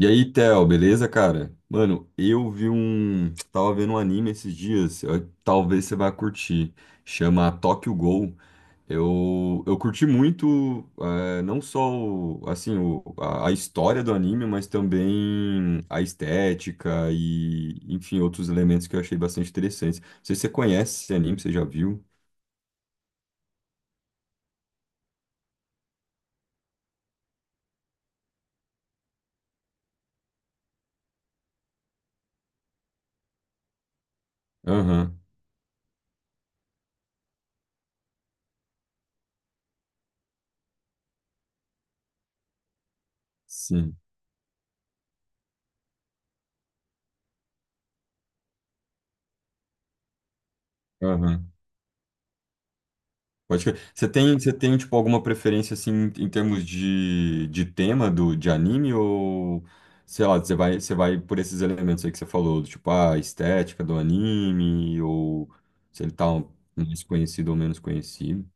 E aí, Theo, beleza, cara? Mano, eu vi um. Tava vendo um anime esses dias, talvez você vá curtir. Chama Tokyo Ghoul. Eu curti muito, não só assim, a história do anime, mas também a estética e, enfim, outros elementos que eu achei bastante interessantes. Não sei se você conhece esse anime, você já viu? Aham, sim. Aham. Pode crer. Você tem, tipo, alguma preferência, assim, em termos de tema do, de anime ou, sei lá, você vai por esses elementos aí que você falou, do tipo, ah, a estética do anime ou se mais conhecido ou menos conhecido.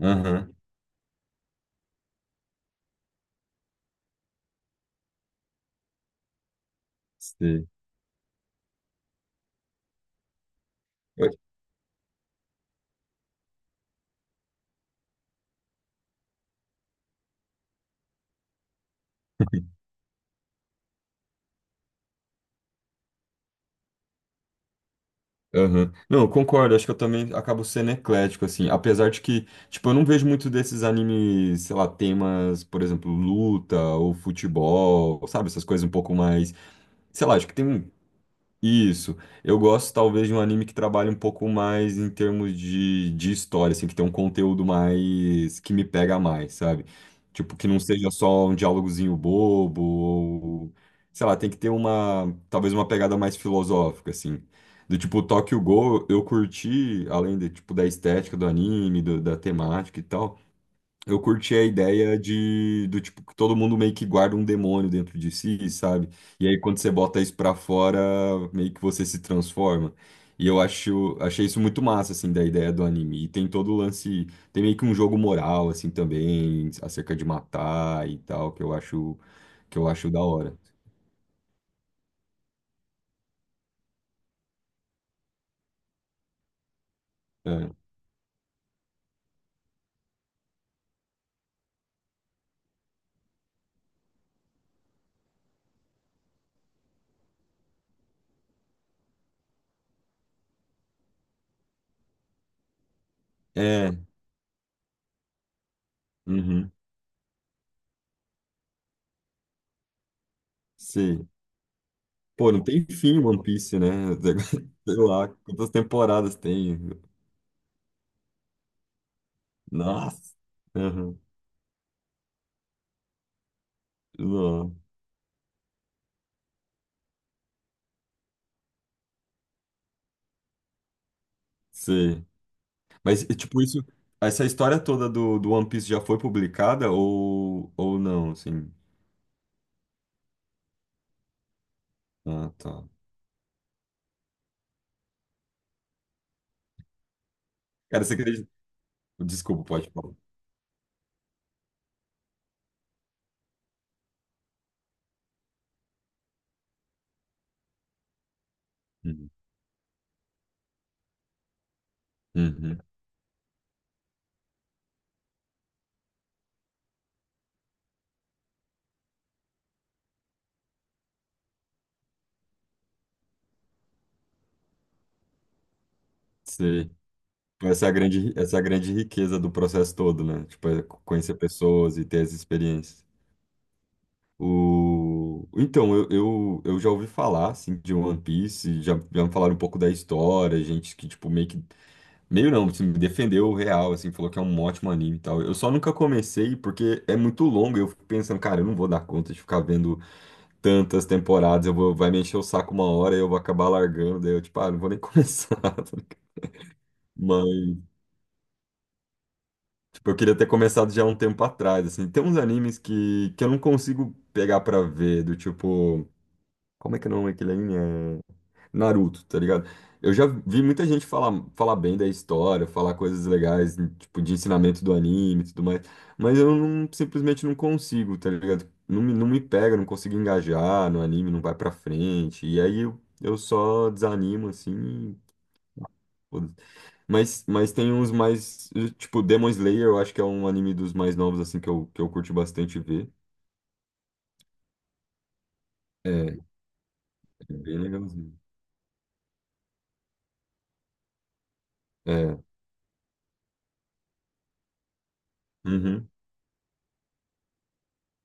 Aham. Sei. Aham. Não, eu concordo, acho que eu também acabo sendo eclético, assim, apesar de que, tipo, eu não vejo muito desses animes, sei lá, temas, por exemplo, luta ou futebol, sabe, essas coisas um pouco mais, sei lá, acho que tem um Isso. Eu gosto talvez de um anime que trabalhe um pouco mais em termos de história, assim, que tem um conteúdo mais que me pega mais, sabe? Tipo, que não seja só um diálogozinho bobo, ou, sei lá, tem que ter uma, talvez uma pegada mais filosófica, assim. Do tipo, Tokyo Ghoul, eu curti, além de, tipo, da estética do anime, da temática e tal. Eu curti a ideia de do tipo que todo mundo meio que guarda um demônio dentro de si, sabe? E aí quando você bota isso pra fora, meio que você se transforma. E achei isso muito massa assim da ideia do anime. E tem todo o lance, tem meio que um jogo moral assim também, acerca de matar e tal, que eu acho da hora. É. É. Uhum. Sim. Pô, não tem fim One Piece, né? Sei lá, quantas temporadas tem? Nossa. Uhum. Nossa. Sim. Mas, e, tipo, isso, essa história toda do, do One Piece já foi publicada ou não, assim? Ah, tá. Cara, você acredita? Desculpa, pode falar. Uhum. Uhum. Sei. Tipo, essa é a grande, essa é a grande riqueza do processo todo, né? Tipo, é conhecer pessoas e ter as experiências. O... Então, eu já ouvi falar, assim, de One Piece, já, já me falaram um pouco da história, gente que, tipo, meio que Meio não, assim, me defendeu real, assim, falou que é um ótimo anime e tal. Eu só nunca comecei porque é muito longo. Eu fico pensando, cara, eu não vou dar conta de ficar vendo tantas temporadas. Eu vou, vai me encher o saco uma hora e eu vou acabar largando. Daí eu, tipo, ah, não vou nem começar. Tá ligado? Mas, tipo, eu queria ter começado já há um tempo atrás, assim. Tem uns animes que eu não consigo pegar pra ver, do tipo. Como é que é o nome daquele anime? É Naruto, tá ligado? Eu já vi muita gente falar, falar bem da história, falar coisas legais, tipo, de ensinamento do anime e tudo mais, mas eu não- simplesmente não consigo, tá ligado? Não me pega, não consigo engajar no anime, não vai pra frente, e aí eu só desanimo, assim, e foda-se. Mas tem uns mais, tipo, Demon Slayer, eu acho que é um anime dos mais novos, assim, que eu curti bastante ver, é, é bem legalzinho. É, uhum,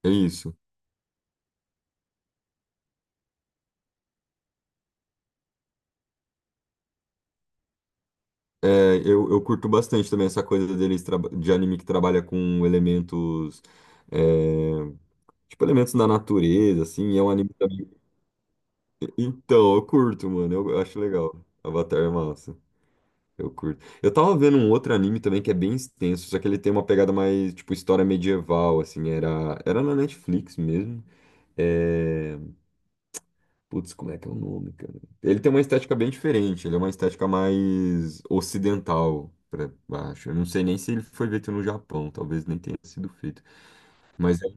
é isso. É, eu curto bastante também essa coisa deles de anime que trabalha com elementos, é, tipo elementos da natureza, assim, e é um anime também. Então, eu curto, mano, eu acho legal. Avatar é massa, eu curto. Eu tava vendo um outro anime também que é bem extenso, só que ele tem uma pegada mais, tipo, história medieval, assim, era na Netflix mesmo. É, putz, como é que é o nome, cara? Ele tem uma estética bem diferente, ele é uma estética mais ocidental, pra baixo. Eu não sei nem se ele foi feito no Japão, talvez nem tenha sido feito. Mas é-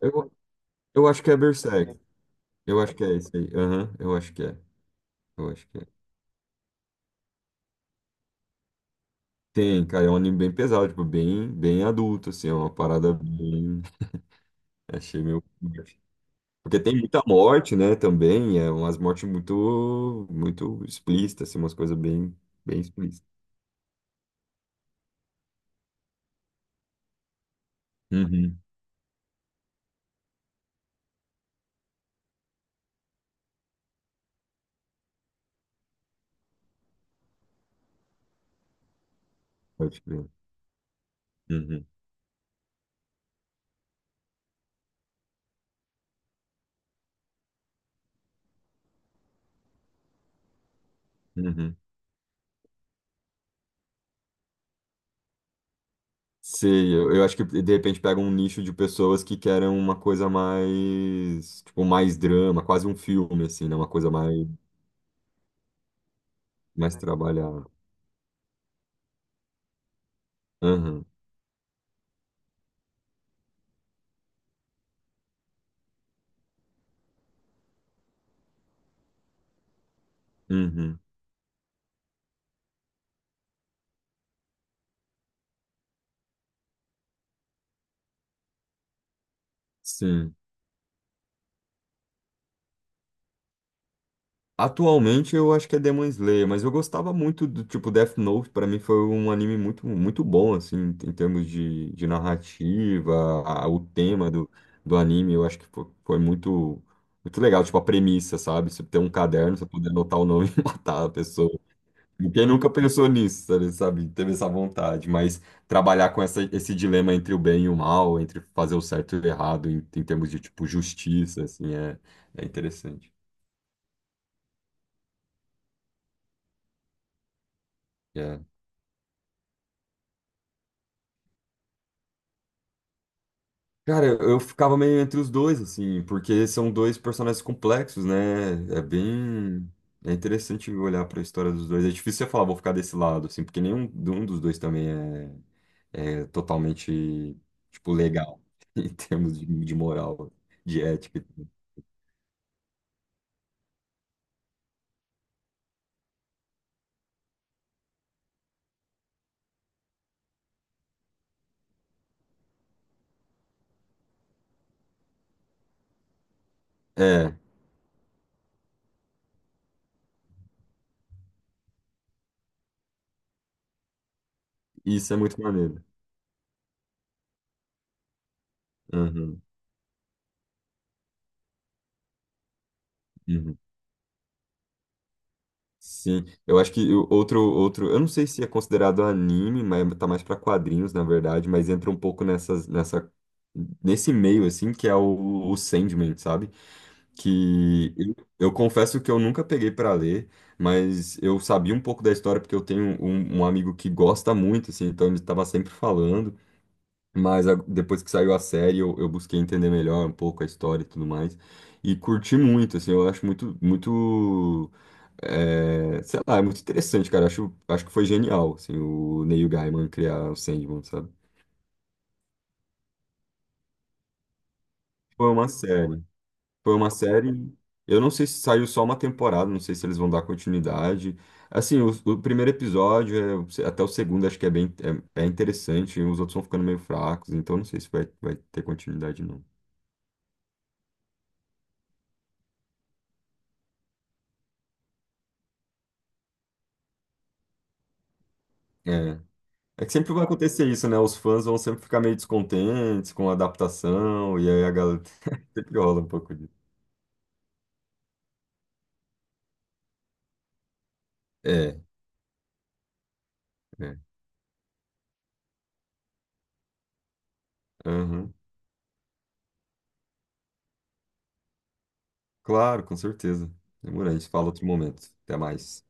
eu, eu acho que é Berserk. Eu acho que é esse aí. Aham, eu acho que é. Eu acho que é. Tem, cara, é um anime bem pesado, tipo, bem, bem adulto, assim, é uma parada bem. Achei meio forte. Porque tem muita morte, né, também, é umas mortes muito, muito explícitas, assim, umas coisas bem, bem explícitas. Uhum, pode crer. Uhum. Uhum. Sim, eu acho que de repente pega um nicho de pessoas que querem uma coisa mais, tipo, mais drama, quase um filme, assim, né? Uma coisa mais, mais trabalhada. Aham, uhum, sim. Atualmente eu acho que é Demon Slayer, mas eu gostava muito do tipo Death Note, pra mim foi um anime muito, muito bom, assim, em em termos de narrativa, o tema do, do anime, eu acho que foi, foi muito, muito legal, tipo, a premissa, sabe? Você ter um caderno, você poder anotar o nome e matar a pessoa. Quem nunca pensou nisso, sabe? Sabe? Teve essa vontade, mas trabalhar com essa, esse dilema entre o bem e o mal, entre fazer o certo e o errado, em, em termos de, tipo, justiça, assim, é, é interessante. É. Cara, eu ficava meio entre os dois, assim, porque são dois personagens complexos, né? É bem... É interessante olhar para a história dos dois. É difícil você falar, vou ficar desse lado, assim, porque nenhum um dos dois também é, é totalmente, tipo, legal, em termos de moral, de ética. É, isso é muito maneiro. Uhum, uhum. Sim, eu acho que o outro, outro, eu não sei se é considerado anime, mas tá mais para quadrinhos, na verdade, mas entra um pouco nessas, nessa, nesse meio, assim, que é o Sandman, sabe? Que eu confesso que eu nunca peguei para ler, mas eu sabia um pouco da história porque eu tenho um, um amigo que gosta muito, assim, então ele estava sempre falando. Depois que saiu a série, eu busquei entender melhor um pouco a história e tudo mais. E curti muito, assim, eu acho muito, muito, é, sei lá, é muito interessante, cara. Acho, acho que foi genial, assim, o Neil Gaiman criar o Sandman, sabe? Foi uma série, foi uma série. Eu não sei se saiu só uma temporada, não sei se eles vão dar continuidade. Assim, o primeiro episódio, é, até o segundo, acho que é bem, é, é interessante, e os outros vão ficando meio fracos, então não sei se vai, vai ter continuidade, não. É. É que sempre vai acontecer isso, né? Os fãs vão sempre ficar meio descontentes com a adaptação, e aí a galera sempre rola um pouco disso. É, é. Aham. Claro, com certeza. Demorou, a gente fala outro momento. Até mais.